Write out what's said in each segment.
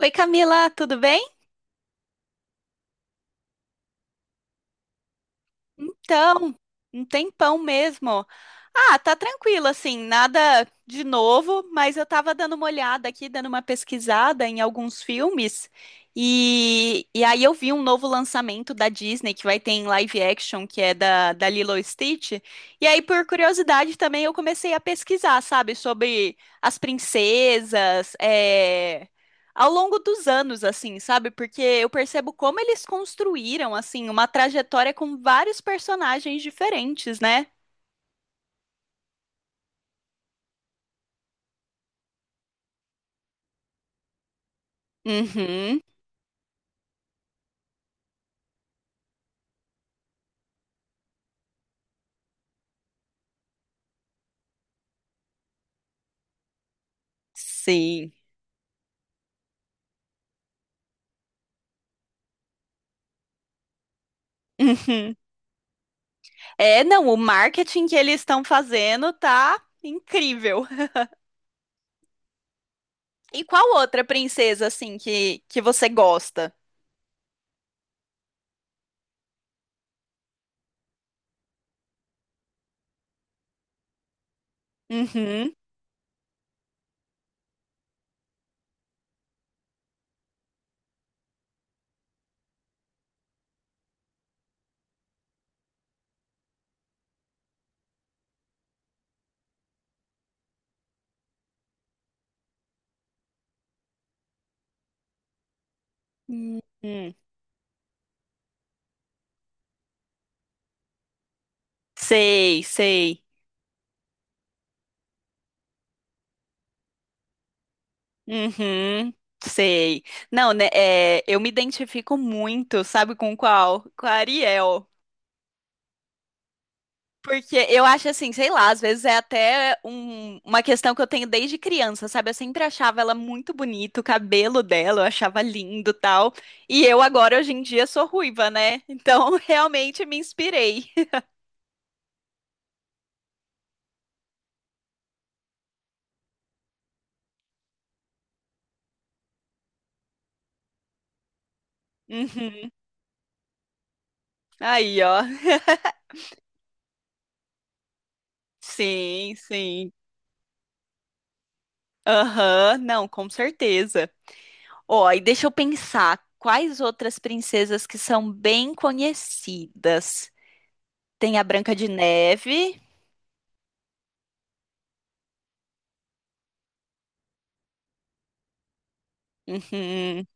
Oi, Camila, tudo bem? Então, um tempão mesmo. Ah, tá tranquilo, assim, nada de novo, mas eu tava dando uma olhada aqui, dando uma pesquisada em alguns filmes, e aí eu vi um novo lançamento da Disney que vai ter em live action, que é da Lilo e Stitch. E aí, por curiosidade também, eu comecei a pesquisar, sabe, sobre as princesas, ao longo dos anos, assim, sabe? Porque eu percebo como eles construíram, assim, uma trajetória com vários personagens diferentes, né? Uhum, sim. Uhum. É, não, o marketing que eles estão fazendo tá incrível. E qual outra princesa, assim, que você gosta? Uhum. Uhum. Sei, sei. Uhum. Sei. Não, né, eu me identifico muito, sabe com qual? Com a Ariel. Porque eu acho assim, sei lá, às vezes é até uma questão que eu tenho desde criança, sabe? Eu sempre achava ela muito bonita, o cabelo dela eu achava lindo, tal. E eu agora hoje em dia sou ruiva, né? Então realmente me inspirei. Uhum. Aí, ó. Sim, sim. Aham, não, com certeza. Ó, e deixa eu pensar, quais outras princesas que são bem conhecidas? Tem a Branca de Neve. Uhum.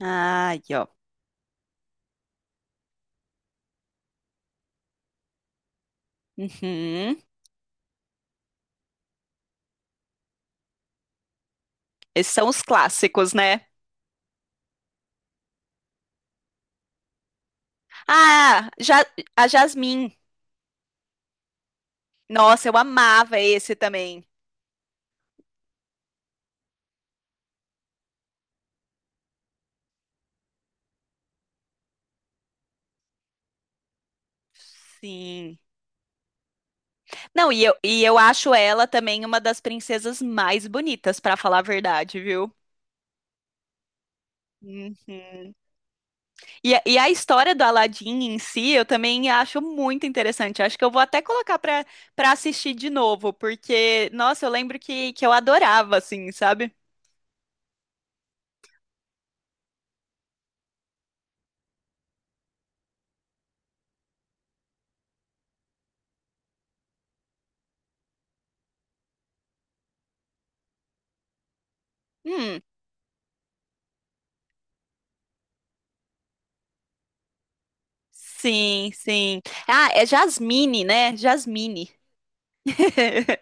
Ah, aí, ó. Uhum. Esses são os clássicos, né? Ah, ja a Jasmine. Nossa, eu amava esse também. Sim. Não, e eu acho ela também uma das princesas mais bonitas, pra falar a verdade, viu? Uhum. E, e a história do Aladdin em si, eu também acho muito interessante. Acho que eu vou até colocar pra para assistir de novo, porque, nossa, eu lembro que eu adorava, assim, sabe? Hum. Sim, sim. Ah, é Jasmine, né? Jasmine.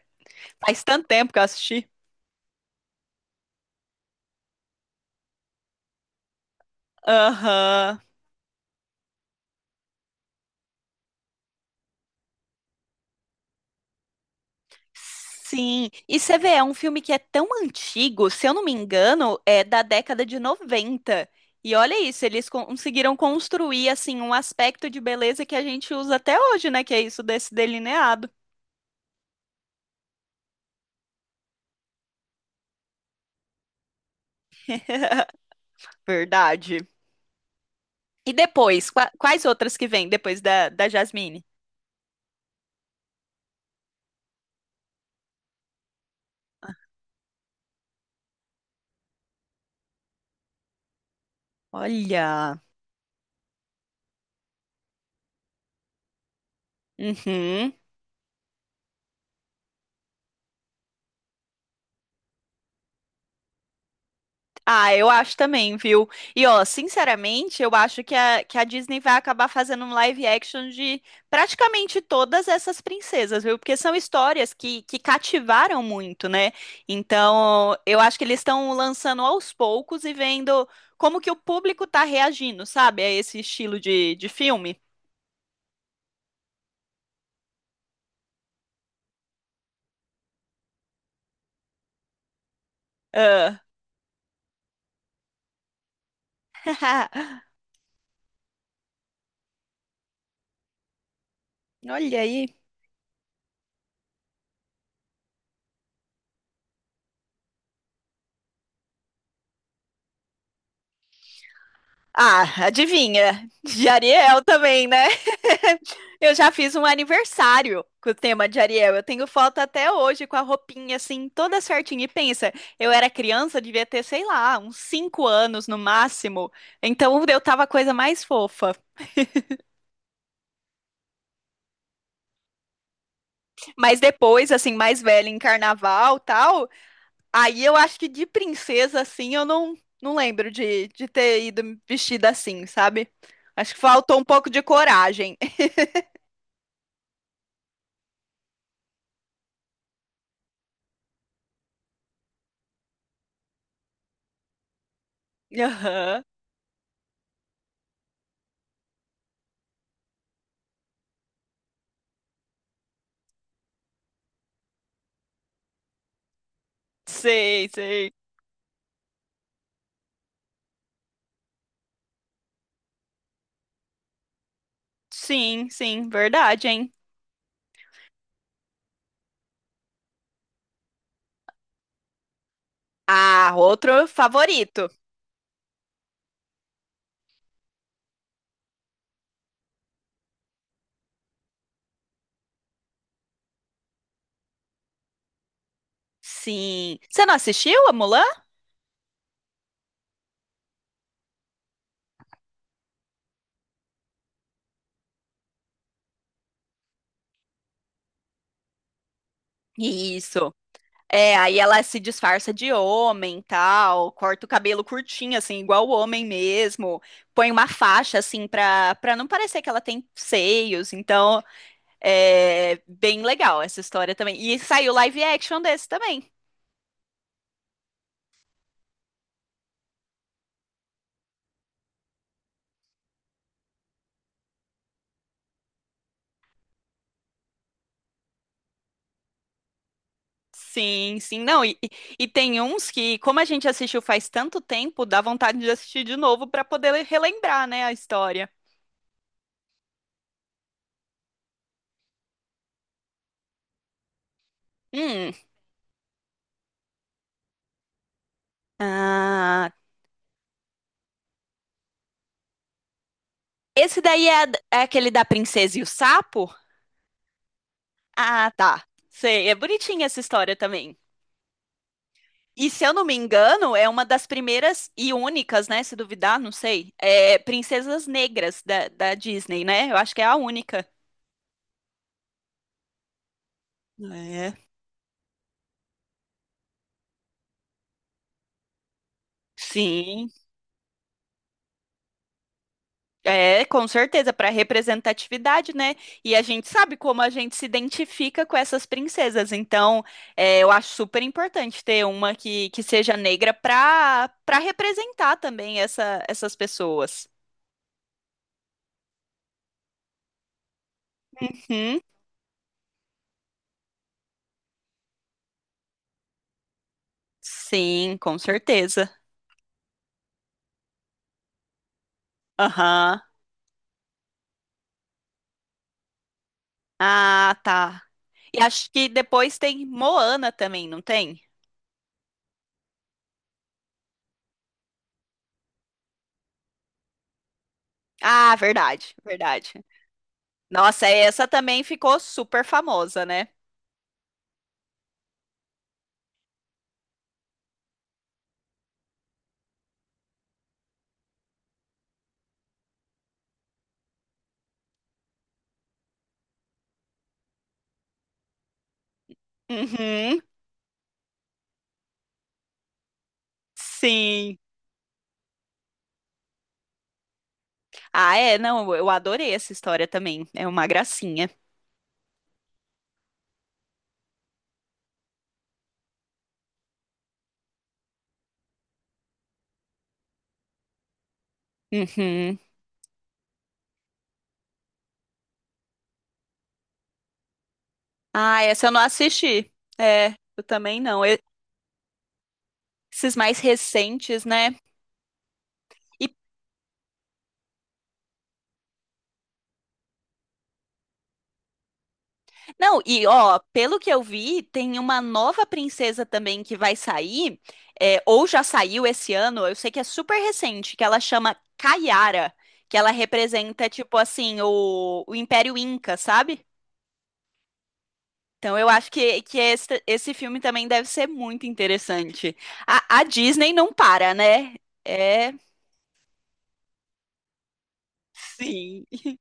Faz tanto tempo que eu assisti. Aham. Sim. E você vê, é um filme que é tão antigo, se eu não me engano, é da década de 90. E olha isso, eles conseguiram construir assim um aspecto de beleza que a gente usa até hoje, né? Que é isso desse delineado. Verdade. E depois, quais outras que vêm depois da Jasmine? Olha. Uhum. Ah, eu acho também, viu? E ó, sinceramente, eu acho que a Disney vai acabar fazendo um live action de praticamente todas essas princesas, viu? Porque são histórias que cativaram muito, né? Então, eu acho que eles estão lançando aos poucos e vendo como que o público tá reagindo, sabe? A esse estilo de filme. Ah. Olha aí. Ah, adivinha? De Ariel também, né? Eu já fiz um aniversário com o tema de Ariel. Eu tenho foto até hoje com a roupinha assim, toda certinha. E pensa, eu era criança, devia ter, sei lá, uns 5 anos no máximo. Então eu tava a coisa mais fofa. Mas depois, assim, mais velha em carnaval, tal, aí eu acho que de princesa assim, eu não lembro de ter ido vestida assim, sabe? Acho que faltou um pouco de coragem. Aham. Sei, sei. Sim, sim, verdade, hein? Ah, outro favorito. Sim. Você não assistiu a Mulan? Isso. É, aí ela se disfarça de homem, tal, corta o cabelo curtinho, assim, igual o homem mesmo, põe uma faixa, assim, pra não parecer que ela tem seios. Então, é bem legal essa história também. E saiu live action desse também. Sim, sim. Não, e tem uns que, como a gente assistiu faz tanto tempo, dá vontade de assistir de novo pra poder relembrar, né, a história. Hum. Ah, esse daí é, é aquele da Princesa e o Sapo? Ah, tá. Sei, é bonitinha essa história também. E se eu não me engano, é uma das primeiras e únicas, né? Se duvidar, não sei. É Princesas Negras da Disney, né? Eu acho que é a única. É. Sim. É, com certeza, para representatividade, né? E a gente sabe como a gente se identifica com essas princesas. Então, é, eu acho super importante ter uma que seja negra para representar também essas pessoas. Uhum. Sim, com certeza. Aham. Ah, tá. E acho que depois tem Moana também, não tem? Ah, verdade, verdade. Nossa, essa também ficou super famosa, né? Uhum. Sim. Ah, é, não, eu adorei essa história também. É uma gracinha. Uhum. Ah, essa eu não assisti. É, eu também não. Esses mais recentes, né? E, não, e ó, pelo que eu vi, tem uma nova princesa também que vai sair, é, ou já saiu esse ano, eu sei que é super recente, que ela chama Kayara, que ela representa, tipo assim, o Império Inca, sabe? Então, eu acho que esse filme também deve ser muito interessante. A Disney não para, né? É, sim.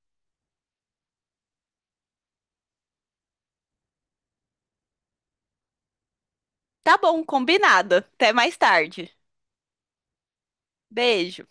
Tá bom, combinado. Até mais tarde. Beijo.